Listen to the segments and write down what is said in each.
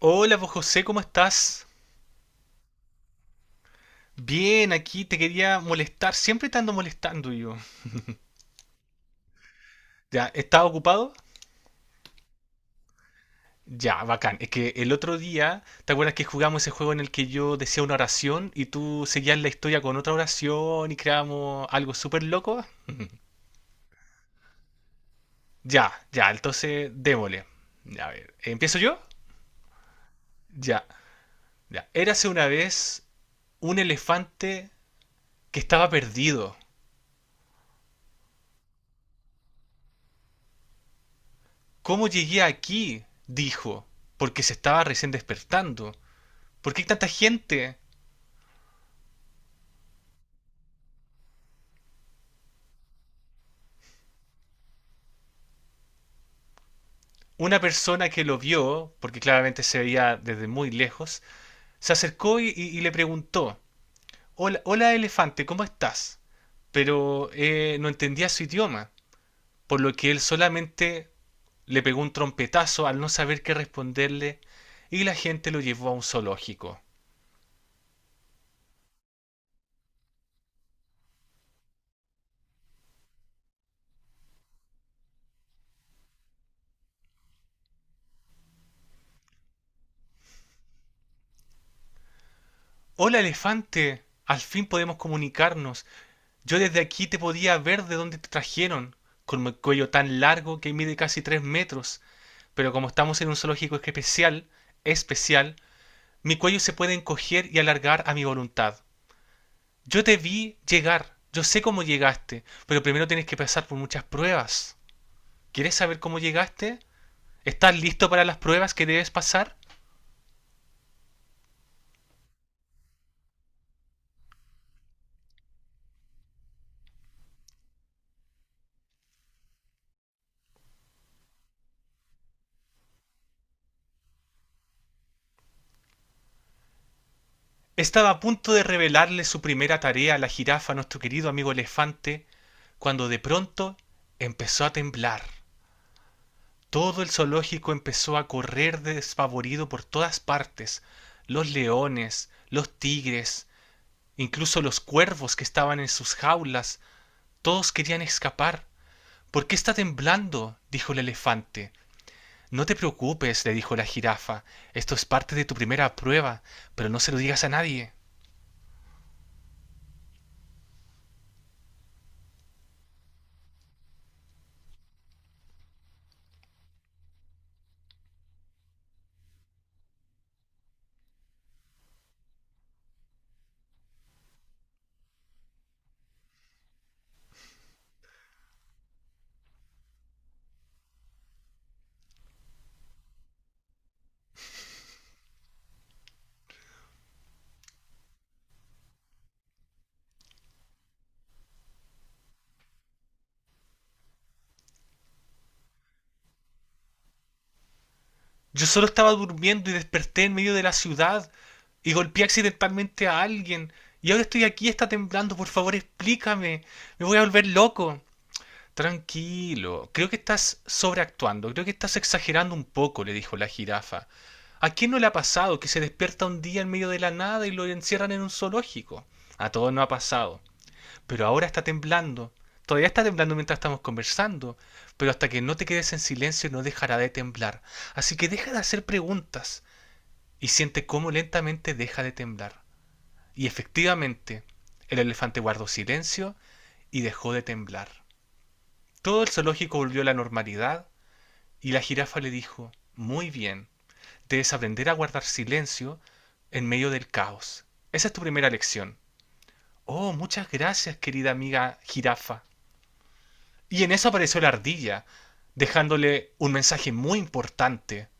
Hola, vos José, ¿cómo estás? Bien, aquí te quería molestar. Siempre te ando molestando yo. Ya, ¿estás ocupado? Ya, bacán. Es que el otro día, ¿te acuerdas que jugamos ese juego en el que yo decía una oración y tú seguías la historia con otra oración y creamos algo súper loco? Ya, ya, entonces démosle. A ver, ¿empiezo yo? Ya, ya. Érase una vez un elefante que estaba perdido. ¿Cómo llegué aquí?, dijo, porque se estaba recién despertando. ¿Por qué hay tanta gente? Una persona que lo vio, porque claramente se veía desde muy lejos, se acercó y le preguntó, hola, hola elefante, ¿cómo estás? Pero no entendía su idioma, por lo que él solamente le pegó un trompetazo al no saber qué responderle, y la gente lo llevó a un zoológico. Hola elefante, al fin podemos comunicarnos. Yo desde aquí te podía ver de dónde te trajeron, con mi cuello tan largo que mide casi tres metros. Pero como estamos en un zoológico especial, especial, mi cuello se puede encoger y alargar a mi voluntad. Yo te vi llegar, yo sé cómo llegaste, pero primero tienes que pasar por muchas pruebas. ¿Quieres saber cómo llegaste? ¿Estás listo para las pruebas que debes pasar? Estaba a punto de revelarle su primera tarea a la jirafa, a nuestro querido amigo elefante, cuando de pronto empezó a temblar. Todo el zoológico empezó a correr desfavorido por todas partes. Los leones, los tigres, incluso los cuervos que estaban en sus jaulas, todos querían escapar. ¿Por qué está temblando?, dijo el elefante. No te preocupes, le dijo la jirafa, esto es parte de tu primera prueba, pero no se lo digas a nadie. Yo solo estaba durmiendo y desperté en medio de la ciudad y golpeé accidentalmente a alguien y ahora estoy aquí, está temblando, por favor explícame, me voy a volver loco. Tranquilo, creo que estás sobreactuando, creo que estás exagerando un poco, le dijo la jirafa. ¿A quién no le ha pasado que se despierta un día en medio de la nada y lo encierran en un zoológico? A todos no ha pasado, pero ahora está temblando. Todavía está temblando mientras estamos conversando, pero hasta que no te quedes en silencio no dejará de temblar. Así que deja de hacer preguntas y siente cómo lentamente deja de temblar. Y efectivamente, el elefante guardó silencio y dejó de temblar, todo el zoológico volvió a la normalidad, y la jirafa le dijo, muy bien, debes aprender a guardar silencio en medio del caos. Esa es tu primera lección. Oh, muchas gracias, querida amiga jirafa. Y en eso apareció la ardilla, dejándole un mensaje muy importante.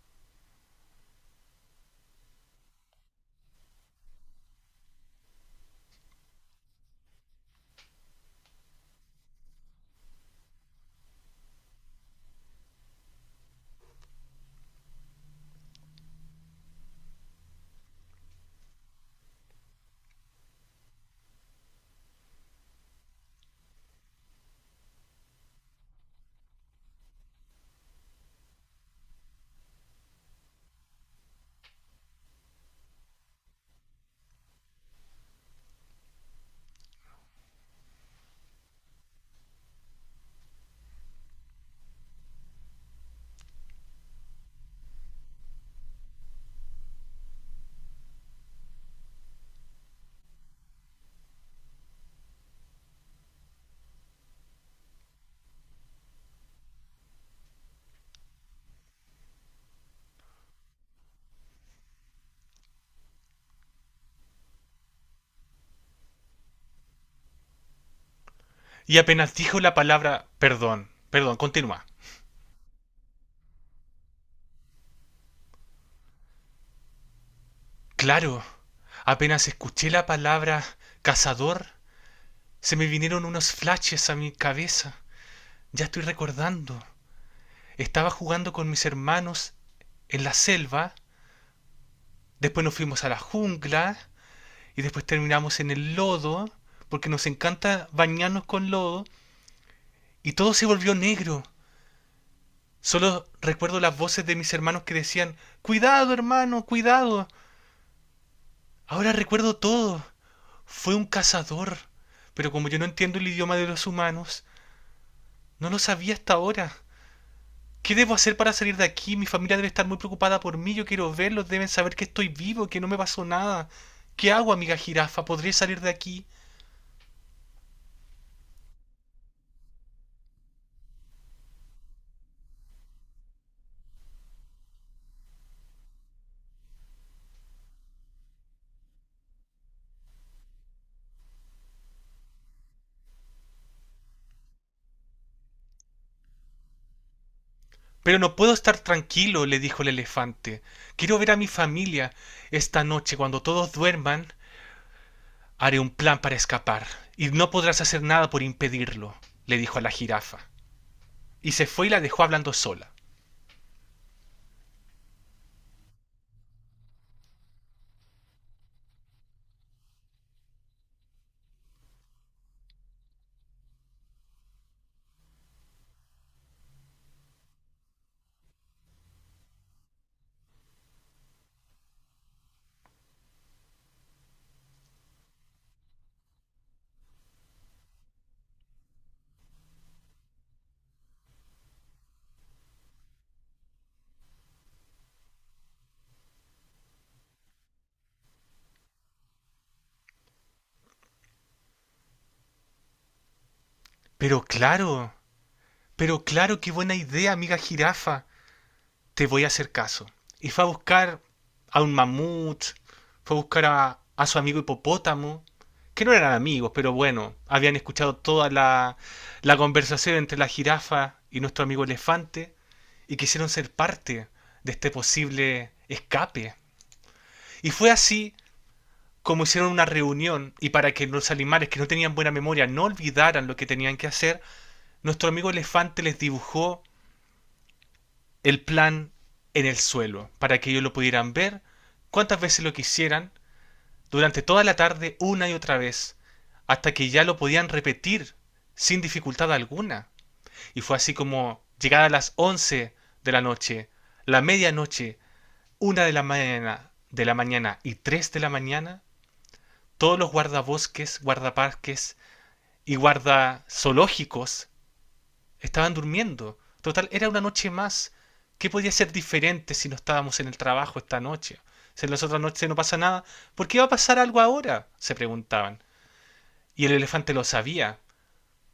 Y apenas dijo la palabra perdón, perdón, continúa. Claro, apenas escuché la palabra cazador, se me vinieron unos flashes a mi cabeza. Ya estoy recordando. Estaba jugando con mis hermanos en la selva, después nos fuimos a la jungla y después terminamos en el lodo, porque nos encanta bañarnos con lodo, y todo se volvió negro. Solo recuerdo las voces de mis hermanos que decían, cuidado, hermano, cuidado. Ahora recuerdo todo. Fue un cazador. Pero como yo no entiendo el idioma de los humanos, no lo sabía hasta ahora. ¿Qué debo hacer para salir de aquí? Mi familia debe estar muy preocupada por mí. Yo quiero verlos. Deben saber que estoy vivo, que no me pasó nada. ¿Qué hago, amiga jirafa? ¿Podré salir de aquí? Pero no puedo estar tranquilo, le dijo el elefante. Quiero ver a mi familia. Esta noche, cuando todos duerman, haré un plan para escapar. Y no podrás hacer nada por impedirlo, le dijo a la jirafa. Y se fue y la dejó hablando sola. Pero claro, pero claro, qué buena idea, amiga jirafa. Te voy a hacer caso. Y fue a buscar a un mamut, fue a buscar a su amigo hipopótamo, que no eran amigos, pero bueno, habían escuchado toda la conversación entre la jirafa y nuestro amigo elefante, y quisieron ser parte de este posible escape. Y fue así como hicieron una reunión, y para que los animales que no tenían buena memoria no olvidaran lo que tenían que hacer, nuestro amigo elefante les dibujó el plan en el suelo para que ellos lo pudieran ver cuantas veces lo quisieran, durante toda la tarde una y otra vez, hasta que ya lo podían repetir sin dificultad alguna. Y fue así como, llegada a las 11 de la noche, la medianoche, 1 de la mañana y 3 de la mañana, todos los guardabosques, guardaparques y guardazoológicos estaban durmiendo. Total, era una noche más. ¿Qué podía ser diferente si no estábamos en el trabajo esta noche? Si en las otras noches no pasa nada, ¿por qué va a pasar algo ahora?, se preguntaban. Y el elefante lo sabía,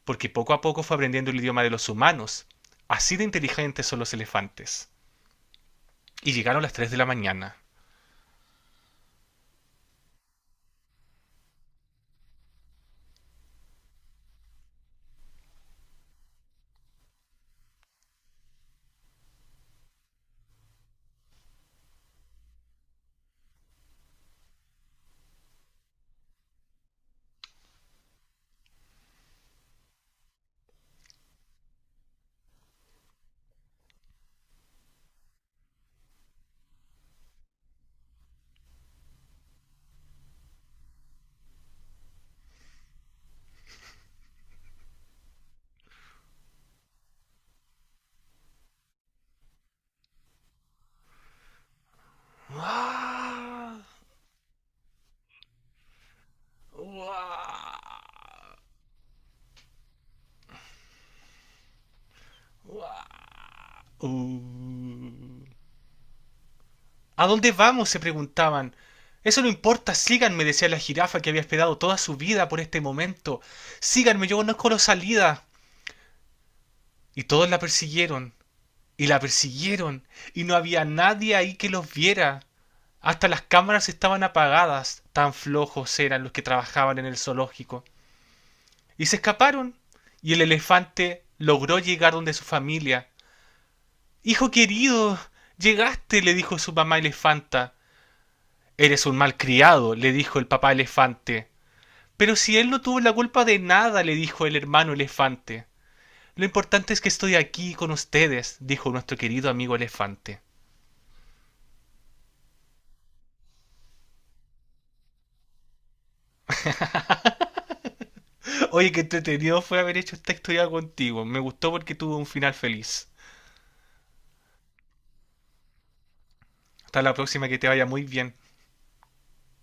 porque poco a poco fue aprendiendo el idioma de los humanos. Así de inteligentes son los elefantes. Y llegaron las 3 de la mañana. Uh. ¿A dónde vamos?, se preguntaban. Eso no importa, síganme, decía la jirafa que había esperado toda su vida por este momento. Síganme, yo conozco la salida. Y todos la persiguieron, y no había nadie ahí que los viera. Hasta las cámaras estaban apagadas, tan flojos eran los que trabajaban en el zoológico. Y se escaparon, y el elefante logró llegar donde su familia. Hijo querido, llegaste, le dijo su mamá elefanta. Eres un malcriado, le dijo el papá elefante. Pero si él no tuvo la culpa de nada, le dijo el hermano elefante. Lo importante es que estoy aquí con ustedes, dijo nuestro querido amigo elefante. Oye, qué entretenido fue haber hecho esta historia contigo. Me gustó porque tuvo un final feliz. Hasta la próxima, que te vaya muy bien.